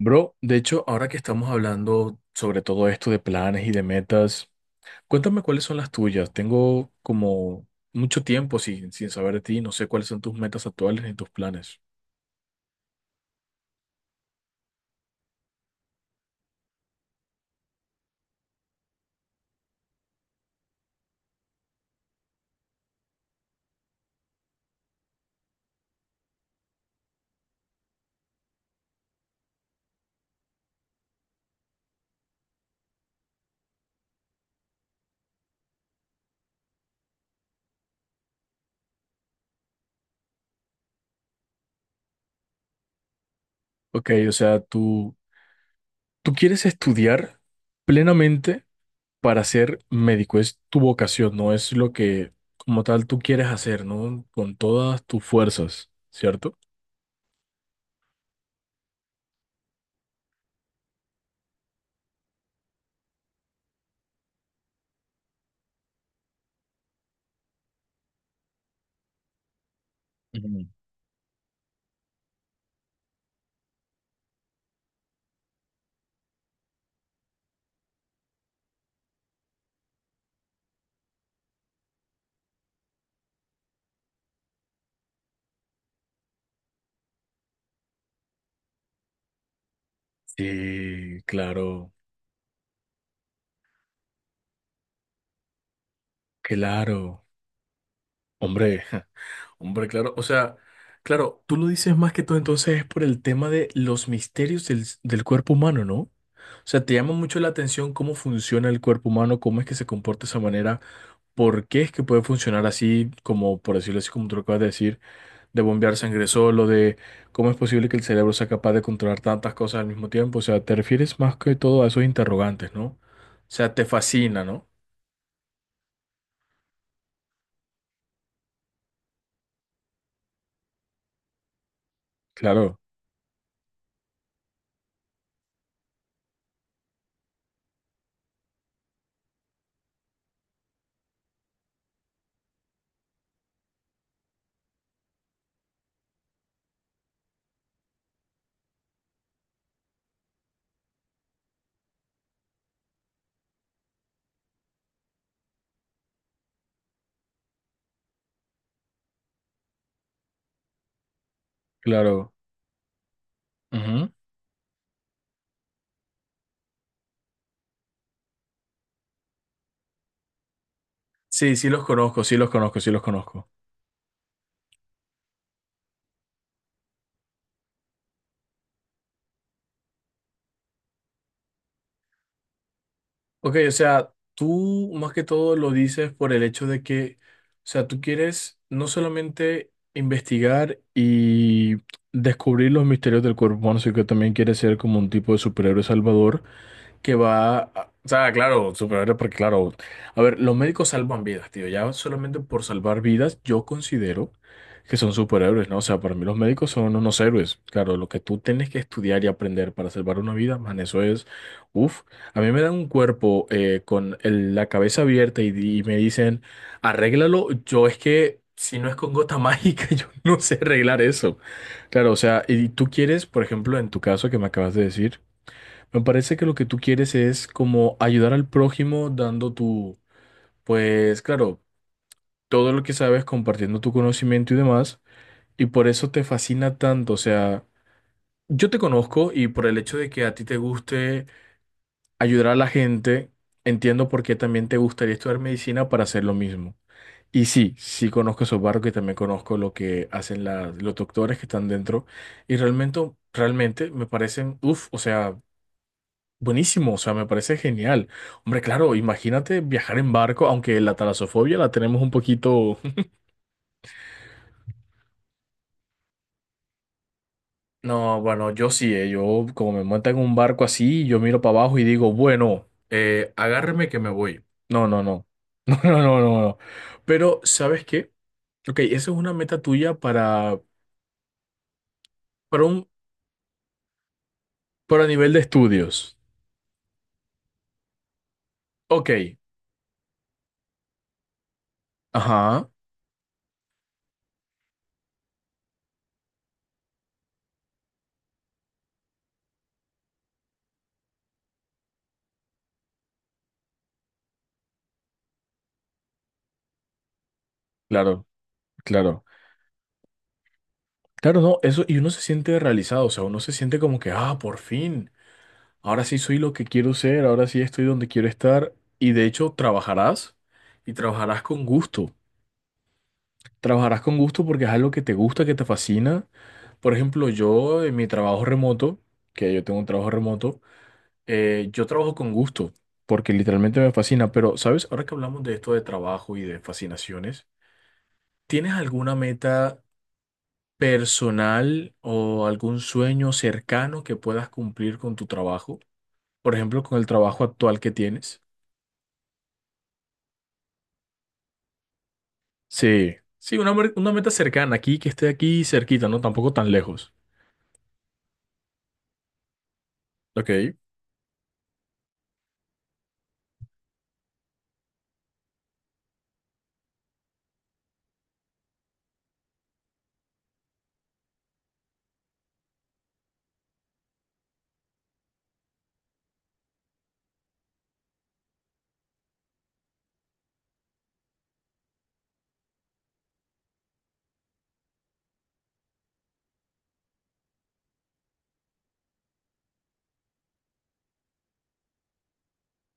Bro, de hecho, ahora que estamos hablando sobre todo esto de planes y de metas, cuéntame cuáles son las tuyas. Tengo como mucho tiempo sin saber de ti, no sé cuáles son tus metas actuales ni tus planes. Ok, o sea, tú quieres estudiar plenamente para ser médico, es tu vocación, no es lo que como tal tú quieres hacer, ¿no? Con todas tus fuerzas, ¿cierto? Mm. Sí, claro, claro. Hombre, ja, hombre, claro. O sea, claro, tú lo dices más que todo entonces es por el tema de los misterios del cuerpo humano, ¿no? O sea, te llama mucho la atención cómo funciona el cuerpo humano, cómo es que se comporta de esa manera. ¿Por qué es que puede funcionar así, como por decirlo así, como tú lo acabas de decir, de bombear sangre solo, de cómo es posible que el cerebro sea capaz de controlar tantas cosas al mismo tiempo? O sea, te refieres más que todo a esos interrogantes, ¿no? O sea, te fascina, ¿no? Claro, claro. Ujú. Sí, sí los conozco, sí los conozco, sí los conozco. Ok, o sea, tú más que todo lo dices por el hecho de que, o sea, tú quieres no solamente investigar y descubrir los misterios del cuerpo humano, sino que también quieres ser como un tipo de superhéroe salvador que va, o sea, claro, superhéroe, porque claro, a ver, los médicos salvan vidas, tío, ya solamente por salvar vidas yo considero que son superhéroes, ¿no? O sea, para mí los médicos son unos héroes, claro, lo que tú tienes que estudiar y aprender para salvar una vida, man, eso es, uff, a mí me dan un cuerpo con la cabeza abierta y, y me dicen, arréglalo, yo es que... Si no es con gota mágica, yo no sé arreglar eso. Claro, o sea, y tú quieres, por ejemplo, en tu caso que me acabas de decir, me parece que lo que tú quieres es como ayudar al prójimo dando tu, pues claro, todo lo que sabes, compartiendo tu conocimiento y demás, y por eso te fascina tanto. O sea, yo te conozco y por el hecho de que a ti te guste ayudar a la gente, entiendo por qué también te gustaría estudiar medicina para hacer lo mismo. Y sí, sí conozco esos barcos y también conozco lo que hacen los doctores que están dentro y realmente, realmente me parecen, uff, o sea... Buenísimo, o sea, me parece genial. Hombre, claro, imagínate viajar en barco, aunque la talasofobia la tenemos un poquito... No, bueno, yo sí, yo como me monta en un barco así, yo miro para abajo y digo, bueno, agárreme que me voy. No, no, no. No, no, no, no, no. Pero, ¿sabes qué? Ok, esa es una meta tuya para un, para nivel de estudios. Ok, ajá, claro, claro. Claro, no, eso, y uno se siente realizado, o sea, uno se siente como que, ah, por fin. Ahora sí soy lo que quiero ser, ahora sí estoy donde quiero estar y de hecho trabajarás y trabajarás con gusto. Trabajarás con gusto porque es algo que te gusta, que te fascina. Por ejemplo, yo en mi trabajo remoto, que yo tengo un trabajo remoto, yo trabajo con gusto porque literalmente me fascina. Pero, ¿sabes? Ahora que hablamos de esto de trabajo y de fascinaciones, ¿tienes alguna meta personal o algún sueño cercano que puedas cumplir con tu trabajo? Por ejemplo, con el trabajo actual que tienes. Sí, sí, una meta cercana aquí, que esté aquí cerquita, ¿no? Tampoco tan lejos. Ok,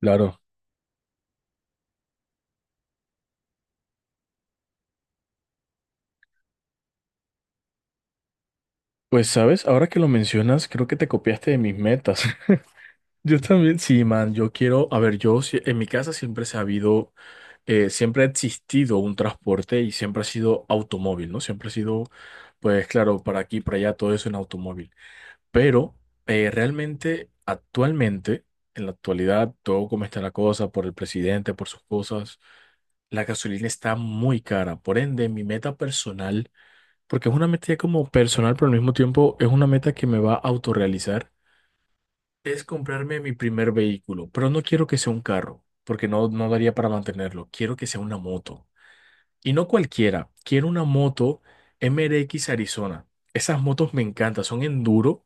claro. Pues, ¿sabes? Ahora que lo mencionas, creo que te copiaste de mis metas. Yo también, sí, man, yo quiero, a ver, yo si- en mi casa siempre se ha habido, siempre ha existido un transporte y siempre ha sido automóvil, ¿no? Siempre ha sido, pues claro, para aquí, para allá, todo eso en automóvil. Pero realmente, actualmente, en la actualidad, todo como está la cosa, por el presidente, por sus cosas. La gasolina está muy cara, por ende, mi meta personal, porque es una meta ya como personal, pero al mismo tiempo es una meta que me va a autorrealizar, es comprarme mi primer vehículo, pero no quiero que sea un carro, porque no, no daría para mantenerlo, quiero que sea una moto. Y no cualquiera, quiero una moto MRX Arizona. Esas motos me encantan, son enduro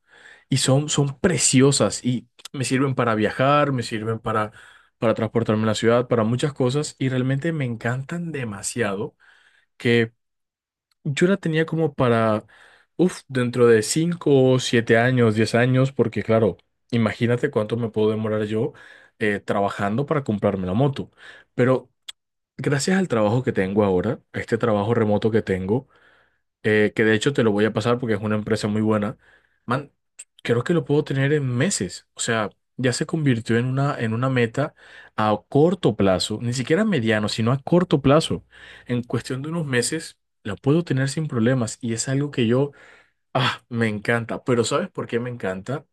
y son, son preciosas y me sirven para viajar, me sirven para transportarme en la ciudad, para muchas cosas y realmente me encantan demasiado que yo la tenía como para, uff, dentro de 5, 7 años, 10 años, porque claro, imagínate cuánto me puedo demorar yo trabajando para comprarme la moto. Pero gracias al trabajo que tengo ahora, a este trabajo remoto que tengo, que de hecho te lo voy a pasar porque es una empresa muy buena. Man, creo que lo puedo tener en meses. O sea, ya se convirtió en una meta a corto plazo, ni siquiera a mediano, sino a corto plazo. En cuestión de unos meses, la puedo tener sin problemas y es algo que yo, ah, me encanta. Pero ¿sabes por qué me encanta?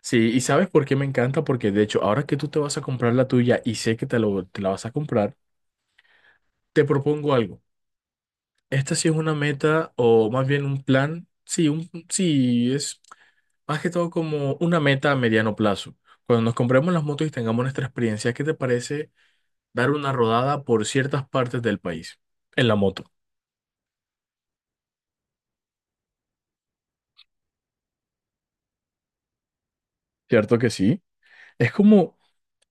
Sí, y ¿sabes por qué me encanta? Porque de hecho, ahora que tú te vas a comprar la tuya y sé que te la vas a comprar, te propongo algo. Esta sí es una meta o más bien un plan. Sí, es más que todo como una meta a mediano plazo. Cuando nos compremos las motos y tengamos nuestra experiencia, ¿qué te parece dar una rodada por ciertas partes del país en la moto? Cierto que sí. Es como,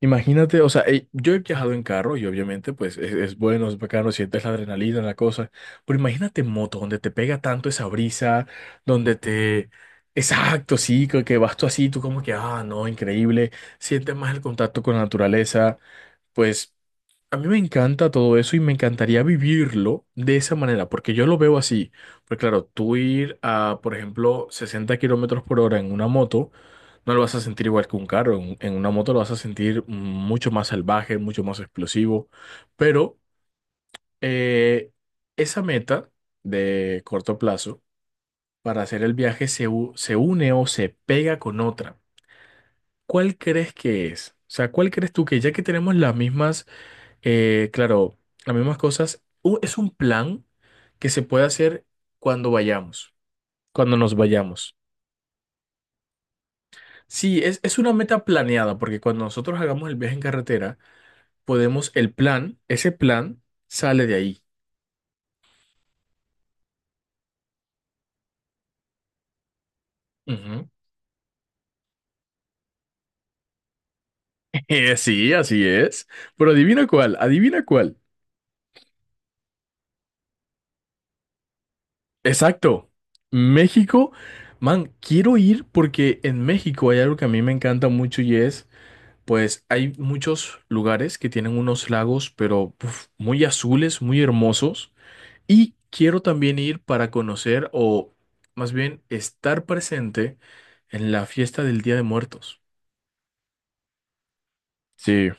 imagínate, o sea, yo he viajado en carro y obviamente pues es, bueno, es bacano, sientes la adrenalina, la cosa, pero imagínate en moto donde te pega tanto esa brisa, donde te... Exacto, sí, que vas tú así, tú como que, ah, no, increíble, sientes más el contacto con la naturaleza, pues... A mí me encanta todo eso y me encantaría vivirlo de esa manera, porque yo lo veo así. Porque claro, tú ir a, por ejemplo, 60 kilómetros por hora en una moto, no lo vas a sentir igual que un carro. En una moto lo vas a sentir mucho más salvaje, mucho más explosivo. Pero eh, esa meta de corto plazo para hacer el viaje se une o se pega con otra. ¿Cuál crees que es? O sea, ¿cuál crees tú que ya que tenemos las mismas claro, las mismas cosas. Es un plan que se puede hacer cuando vayamos, cuando nos vayamos. Sí, es una meta planeada, porque cuando nosotros hagamos el viaje en carretera, podemos, el plan, ese plan sale de ahí. Ujú. Sí, así es. Pero adivina cuál, adivina cuál. Exacto. México, man, quiero ir porque en México hay algo que a mí me encanta mucho y es pues hay muchos lugares que tienen unos lagos, pero uf, muy azules, muy hermosos. Y quiero también ir para conocer o más bien estar presente en la fiesta del Día de Muertos. Sí,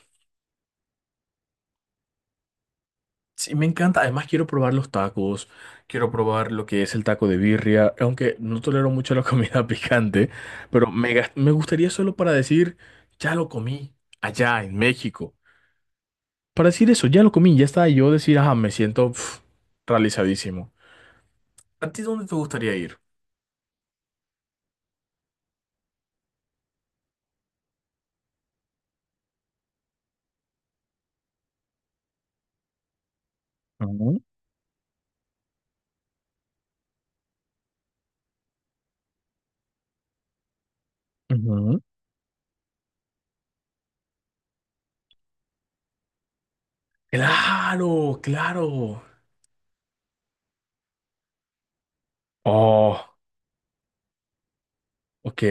sí, me encanta. Además quiero probar los tacos, quiero probar lo que es el taco de birria, aunque no tolero mucho la comida picante, pero me, me gustaría solo para decir, ya lo comí allá en México. Para decir eso, ya lo comí, ya estaba yo decir, ajá, me siento pf, realizadísimo. ¿A ti dónde te gustaría ir? Ujú, ujú. Claro, claro. Oh, ok,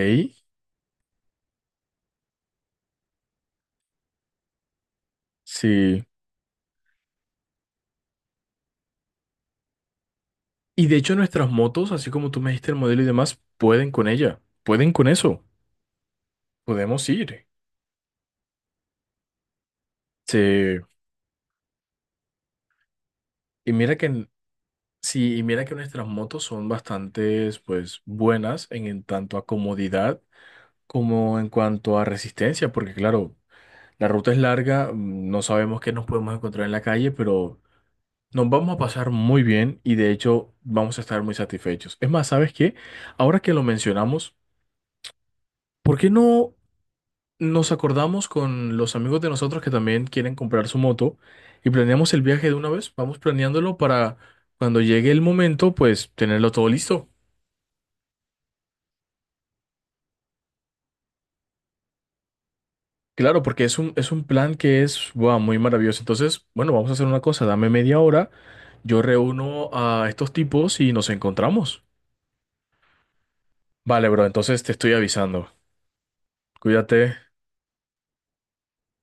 sí. Y de hecho nuestras motos, así como tú me dijiste el modelo y demás, pueden con ella, pueden con eso, podemos ir. Sí. Y mira que, sí, y mira que nuestras motos son bastante, pues, buenas en tanto a comodidad como en cuanto a resistencia, porque claro, la ruta es larga, mm, no sabemos qué nos podemos encontrar en la calle, pero nos vamos a pasar muy bien y de hecho vamos a estar muy satisfechos. Es más, ¿sabes qué? Ahora que lo mencionamos, ¿por qué no nos acordamos con los amigos de nosotros que también quieren comprar su moto y planeamos el viaje de una vez? Vamos planeándolo para cuando llegue el momento, pues tenerlo todo listo. Claro, porque es un plan que es guau, muy maravilloso. Entonces, bueno, vamos a hacer una cosa, dame media hora, yo reúno a estos tipos y nos encontramos. Vale, bro, entonces te estoy avisando. Cuídate.